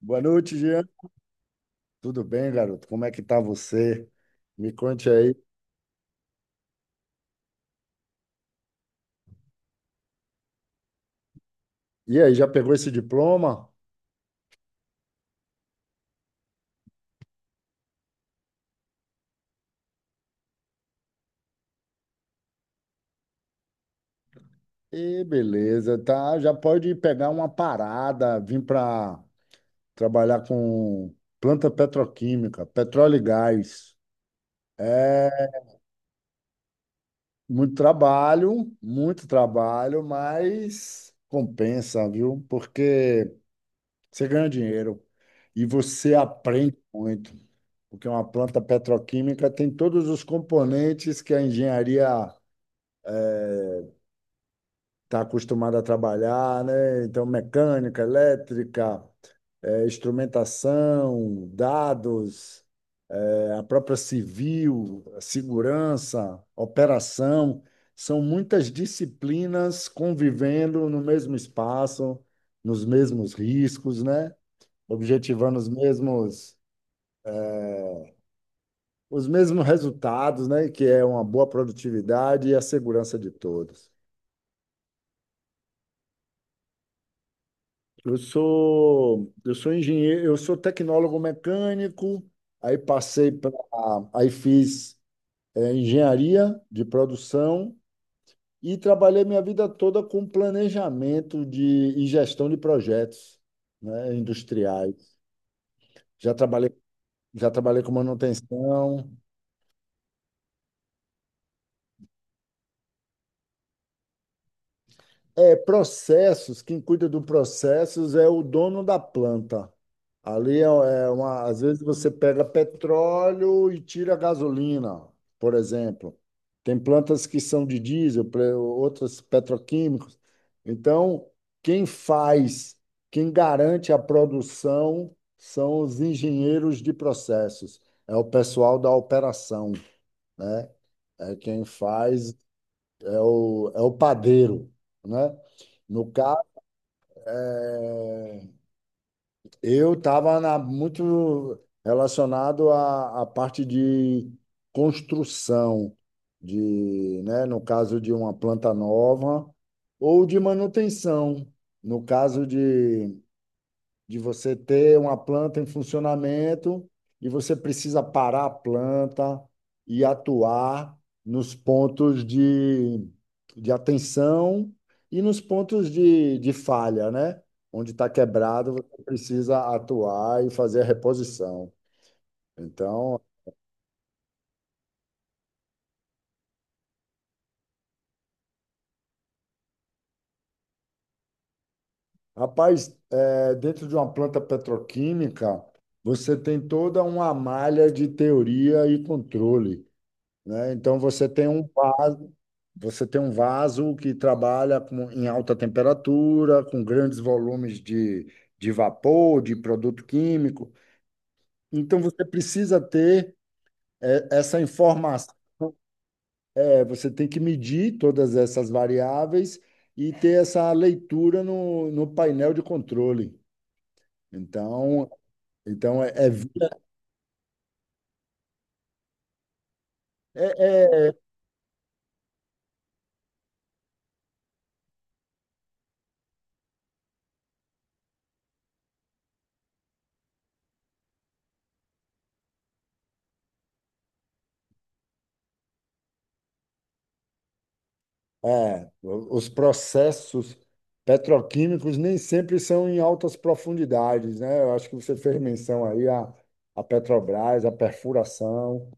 Boa noite, Jean. Tudo bem, garoto? Como é que tá você? Me conte aí. E aí, já pegou esse diploma? E beleza, tá? Já pode pegar uma parada, vir para trabalhar com planta petroquímica, petróleo e gás. É muito trabalho, mas compensa, viu? Porque você ganha dinheiro e você aprende muito. Porque uma planta petroquímica tem todos os componentes que a engenharia está acostumada a trabalhar, né? Então, mecânica, elétrica, instrumentação, dados, a própria civil, a segurança, operação. São muitas disciplinas convivendo no mesmo espaço, nos mesmos riscos, né? Objetivando os mesmos resultados, né? Que é uma boa produtividade e a segurança de todos. Eu sou engenheiro, eu sou tecnólogo mecânico, aí passei para, aí fiz engenharia de produção e trabalhei minha vida toda com e gestão de projetos, né, industriais. Já trabalhei, já trabalhei com manutenção. É, processos, quem cuida do processos é o dono da planta. Ali é é uma, Às vezes você pega petróleo e tira gasolina, por exemplo. Tem plantas que são de diesel, outras petroquímicos. Então, quem faz, quem garante a produção são os engenheiros de processos. É o pessoal da operação, né? É quem faz, é o padeiro, né? No caso é, eu estava muito relacionado à parte de construção, de, né, no caso de uma planta nova, ou de manutenção, no caso de você ter uma planta em funcionamento e você precisa parar a planta e atuar nos pontos de atenção e nos pontos de falha, né? Onde está quebrado, você precisa atuar e fazer a reposição. Então, rapaz, é, dentro de uma planta petroquímica, você tem toda uma malha de teoria e controle, né? Então, você tem um básico. Você tem um vaso que trabalha em alta temperatura, com grandes volumes de vapor, de produto químico. Então, você precisa ter essa informação. Você tem que medir todas essas variáveis e ter essa leitura no painel de controle. Então, então é, é, o- os processos petroquímicos nem sempre são em altas profundidades, né? Eu acho que você fez menção aí à Petrobras, à perfuração,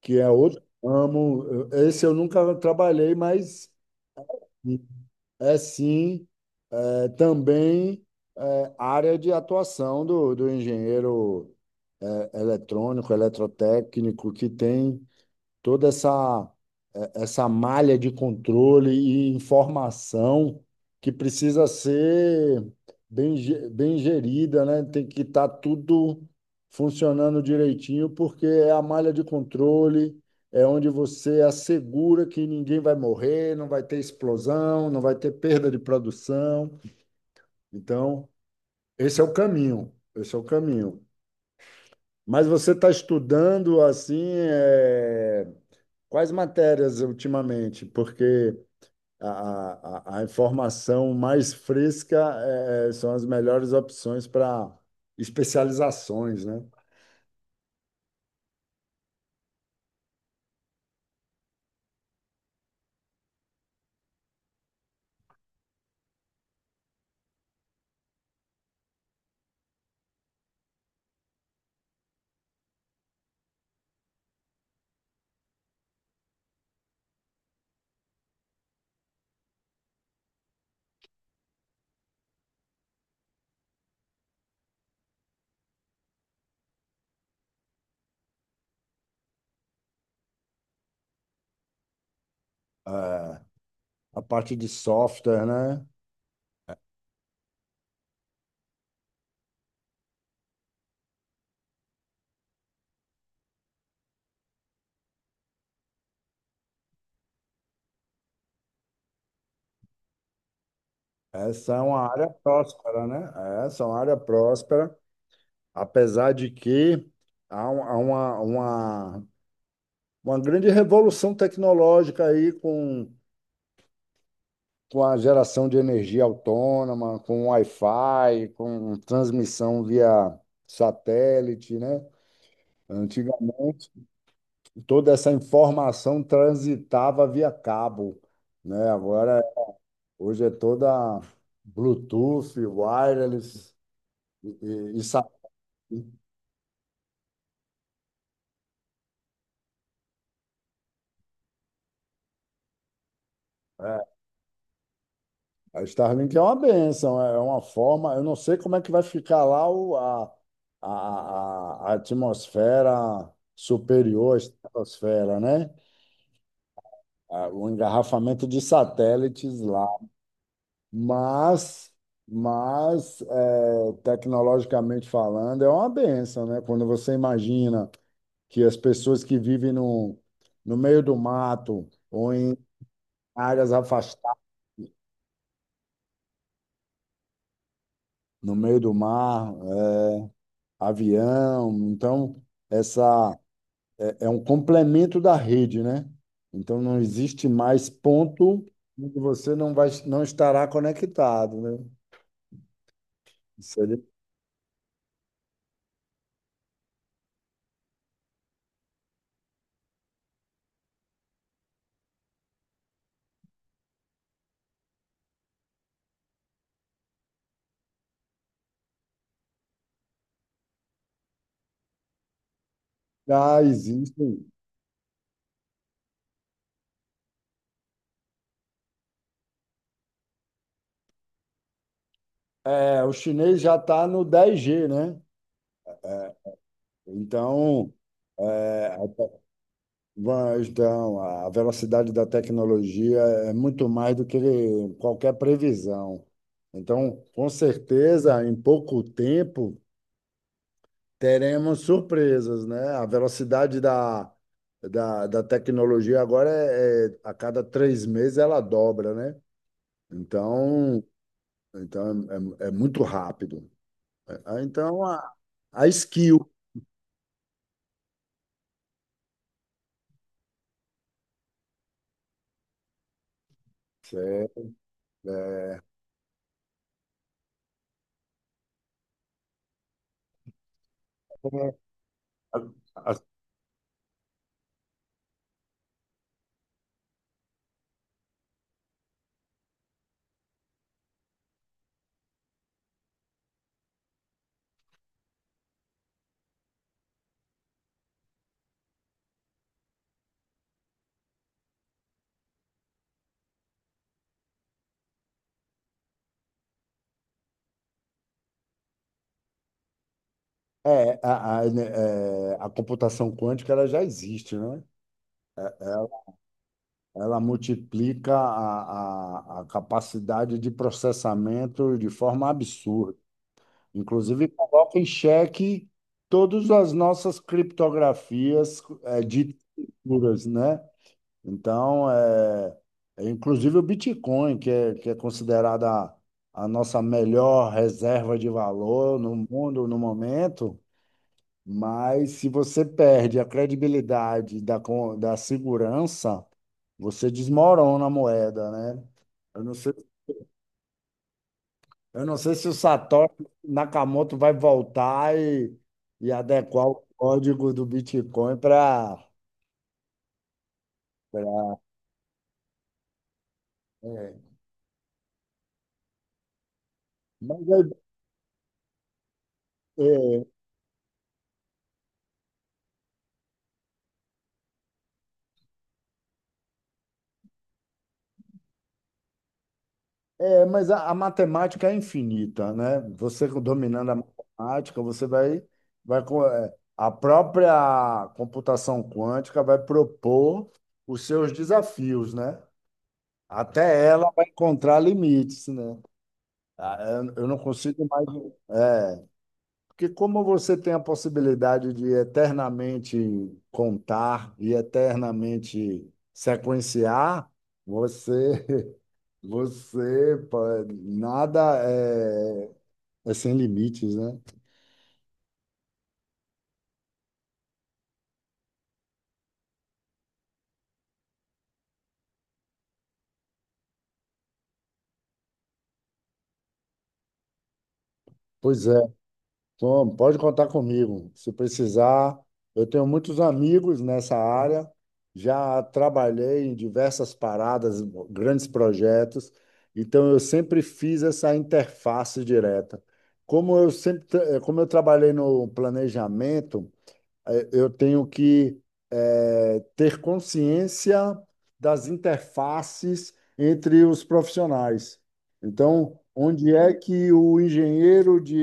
que é outro ramo. Esse eu nunca trabalhei, mas é sim, é, também é, área de atuação do engenheiro eletrônico, eletrotécnico, que tem toda essa essa malha de controle e informação que precisa ser bem gerida, né? Tem que estar tudo funcionando direitinho, porque é a malha de controle, é onde você assegura que ninguém vai morrer, não vai ter explosão, não vai ter perda de produção. Então, esse é o caminho, esse é o caminho. Mas você está estudando assim, é, quais matérias ultimamente? Porque a informação mais fresca são as melhores opções para especializações, né? Eh, a parte de software, né? Essa é uma área próspera, né? Essa é uma área próspera, apesar de que há, um- há uma grande revolução tecnológica aí com a geração de energia autônoma, com Wi-Fi, com transmissão via satélite, né? Antigamente, toda essa informação transitava via cabo, né? Agora, hoje é toda Bluetooth, wireless e, e sa- é, a Starlink é uma benção, é uma forma. Eu não sei como é que vai ficar lá o, a atmosfera superior à estratosfera, né? Ah, o engarrafamento de satélites lá. Mas, mas é, tecnologicamente falando, é uma benção, né? Quando você imagina que as pessoas que vivem no meio do mato ou em áreas afastadas, no meio do mar, é, avião, então essa é, é um complemento da rede, né? Então não existe mais ponto em que você não vai, não estará conectado, né? Isso aí já existe. É, o chinês já está no 10G, né? É, então, é, a- te- então, a velocidade da tecnologia é muito mais do que qualquer previsão. Então, com certeza, em pouco tempo, teremos surpresas, né? A velocidade da tecnologia agora a cada três meses ela dobra, né? Então, então é é muito rápido. É, então, a skill. A, a- é, a, a, né, a computação quântica ela já existe, né? Ela multiplica a capacidade de processamento de forma absurda. Inclusive, coloca em xeque todas as nossas criptografias, é, de seguras, né? Então, é, é, inclusive o Bitcoin, que é considerada a nossa melhor reserva de valor no mundo no momento. Mas se você perde a credibilidade da segurança, você desmorona a moeda, né? Eu não sei, eu não sei se o Satoshi Nakamoto vai voltar e adequar o código do Bitcoin para. Mas, é, é, é, mas a matemática é infinita, né? Você dominando a matemática, vai é, a própria computação quântica vai propor os seus desafios, né? Até ela vai encontrar limites, né? Ah, eu não consigo mais. É, porque como você tem a possibilidade de eternamente contar e eternamente sequenciar, você, você, pô, nada é. É sem limites, né? Pois é. Tom, pode contar comigo. Se precisar, eu tenho muitos amigos nessa área. Já trabalhei em diversas paradas, grandes projetos. Então, eu sempre fiz essa interface direta. Como eu como eu trabalhei no planejamento, eu tenho que ter consciência das interfaces entre os profissionais. Então, onde é que o engenheiro de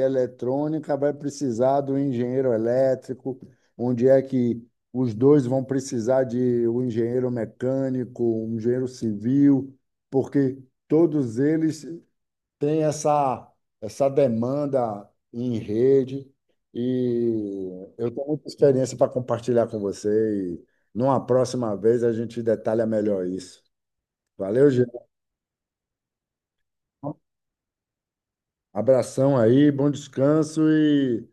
eletrônica vai precisar do engenheiro elétrico? Onde é que os dois vão precisar de um engenheiro mecânico, um engenheiro civil? Porque todos eles tem essa demanda em rede e eu tenho muita experiência para compartilhar com você e numa próxima vez a gente detalha melhor isso. Valeu, Jean. Abração aí, bom descanso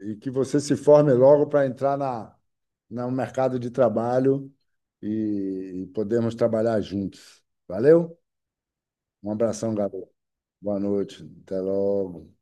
e que você se forme logo para entrar no mercado de trabalho e podemos trabalhar juntos. Valeu? Um abração, garoto. Boa noite. Até logo.